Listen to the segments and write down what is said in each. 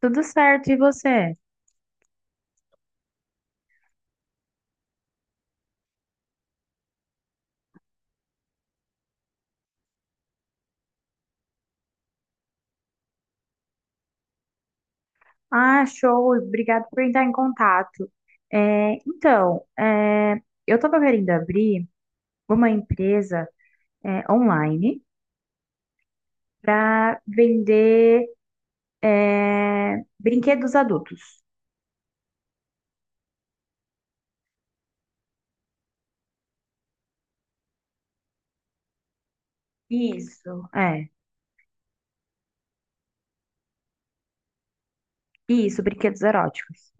Tudo certo, e você? Ah, show, obrigado por entrar em contato. É, então, é, eu estava querendo abrir uma empresa é, online para vender é, brinquedos adultos. Isso, é, isso, brinquedos eróticos.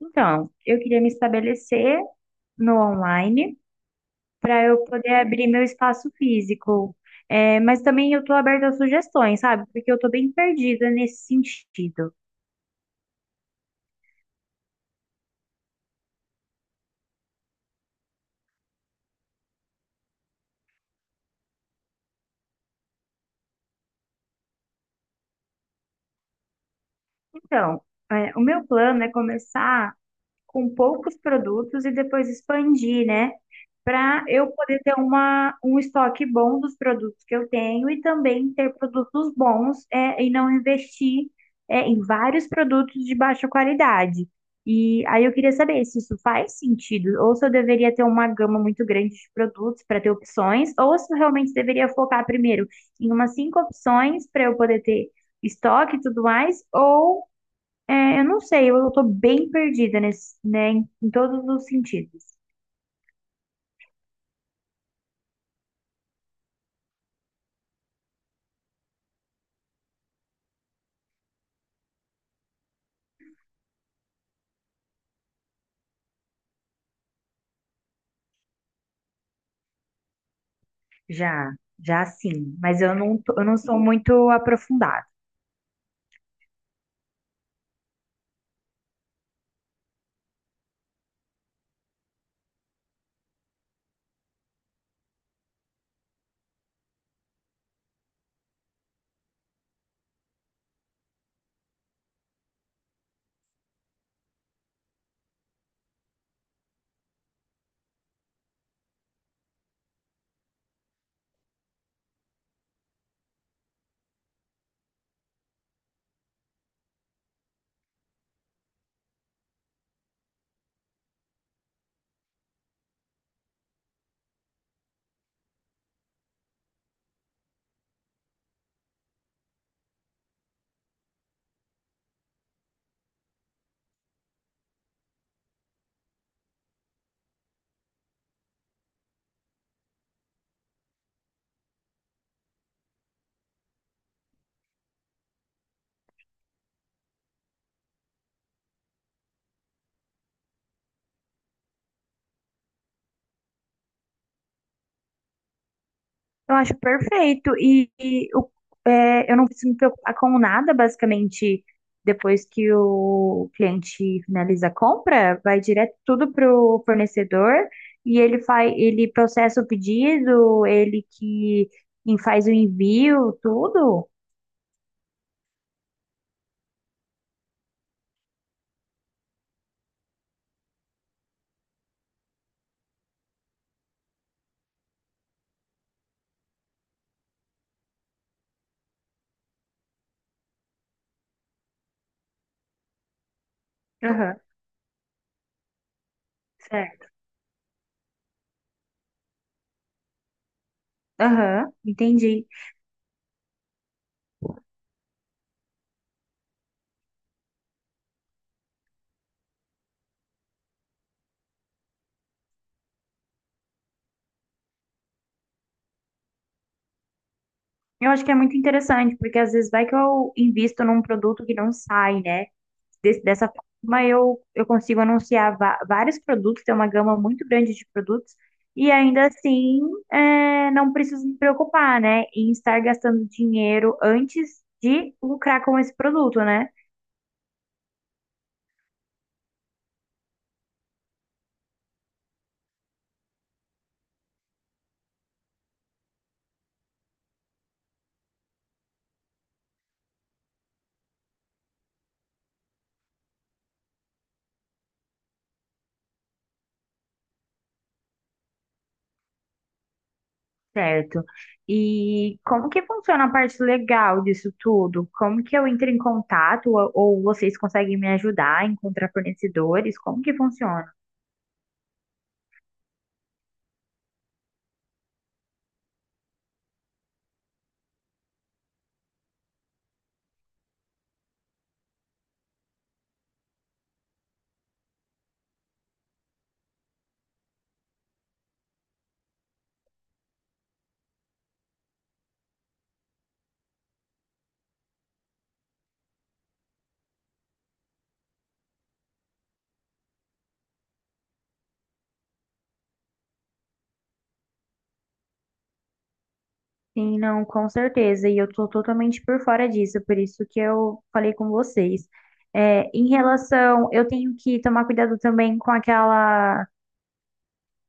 Então, eu queria me estabelecer no online para eu poder abrir meu espaço físico. É, mas também eu estou aberta a sugestões, sabe? Porque eu estou bem perdida nesse sentido. Então, é, o meu plano é começar com poucos produtos e depois expandir, né? Para eu poder ter um estoque bom dos produtos que eu tenho e também ter produtos bons é, e não investir é, em vários produtos de baixa qualidade. E aí eu queria saber se isso faz sentido, ou se eu deveria ter uma gama muito grande de produtos para ter opções, ou se eu realmente deveria focar primeiro em umas cinco opções para eu poder ter estoque e tudo mais, ou é, eu não sei, eu tô bem perdida nesse, né, em todos os sentidos. Já, já sim, mas eu não sou muito aprofundada. Eu acho perfeito e é, eu não preciso me preocupar com nada, basicamente, depois que o cliente finaliza a compra, vai direto tudo pro fornecedor e ele processa o pedido, ele que faz o envio, tudo. Aham, certo. Aham, entendi. Eu acho que é muito interessante, porque às vezes vai que eu invisto num produto que não sai, né? Dessa forma eu consigo anunciar vários produtos, ter uma gama muito grande de produtos, e ainda assim é, não preciso me preocupar, né? Em estar gastando dinheiro antes de lucrar com esse produto, né? Certo. E como que funciona a parte legal disso tudo? Como que eu entro em contato? Ou vocês conseguem me ajudar a encontrar fornecedores? Como que funciona? Sim, não, com certeza. E eu tô totalmente por fora disso, por isso que eu falei com vocês. É, em relação, eu tenho que tomar cuidado também com aquela,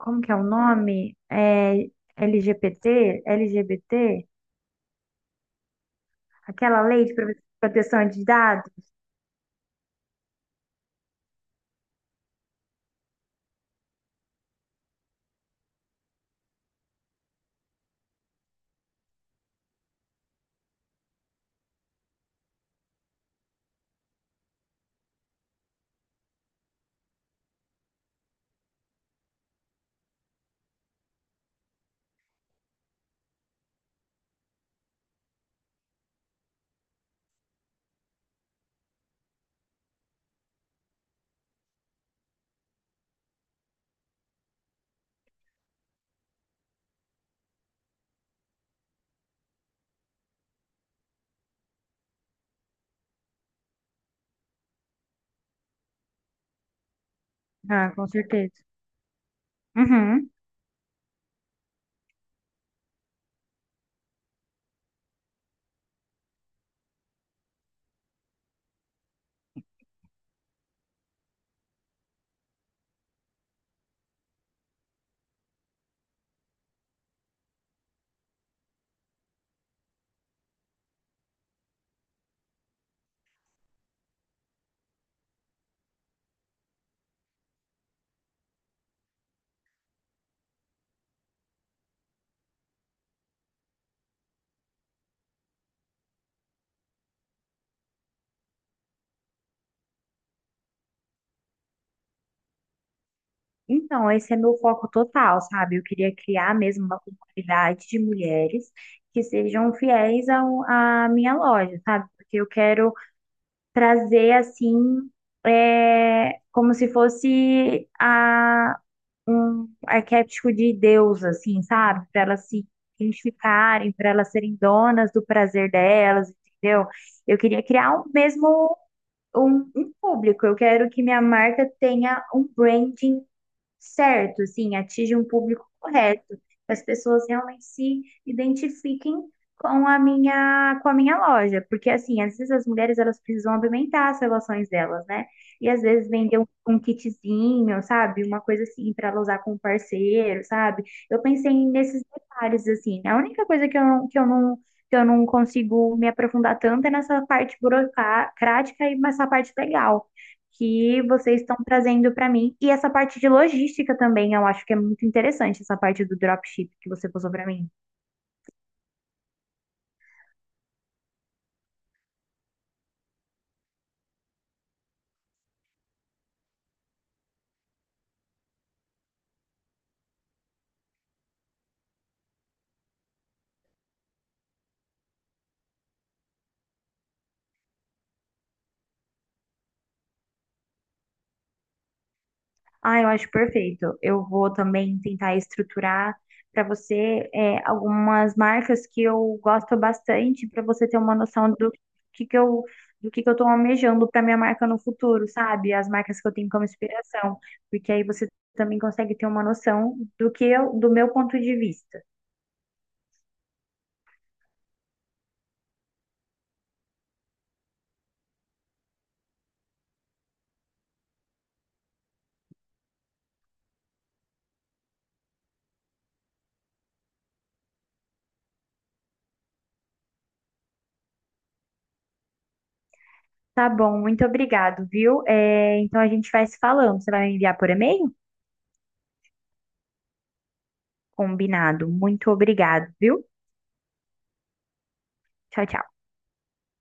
como que é o nome? É, LGBT, LGBT, aquela lei de proteção de dados. Ah, com certeza. Uhum. Então, esse é meu foco total, sabe? Eu queria criar mesmo uma comunidade de mulheres que sejam fiéis à minha loja, sabe? Porque eu quero trazer assim, é, como se fosse um arquétipo de Deus, assim, sabe? Para elas se identificarem, para elas serem donas do prazer delas, entendeu? Eu queria criar um mesmo um público. Eu quero que minha marca tenha um branding certo, assim, atinge um público correto, que as pessoas realmente se identifiquem com a minha loja, porque assim, às vezes as mulheres elas precisam aumentar as relações delas, né? E às vezes vender um kitzinho, sabe? Uma coisa assim para ela usar com o parceiro, sabe? Eu pensei nesses detalhes assim. A única coisa que eu não consigo me aprofundar tanto é nessa parte burocrática e nessa parte legal que vocês estão trazendo para mim. E essa parte de logística também, eu acho que é muito interessante, essa parte do dropship que você passou para mim. Ah, eu acho perfeito. Eu vou também tentar estruturar para você é, algumas marcas que eu gosto bastante, para você ter uma noção que, que eu. Do que eu tô almejando para minha marca no futuro, sabe? As marcas que eu tenho como inspiração, porque aí você também consegue ter uma noção do meu ponto de vista. Tá bom, muito obrigado, viu? É, então a gente vai se falando. Você vai me enviar por e-mail? Combinado. Muito obrigado, viu? Tchau, tchau.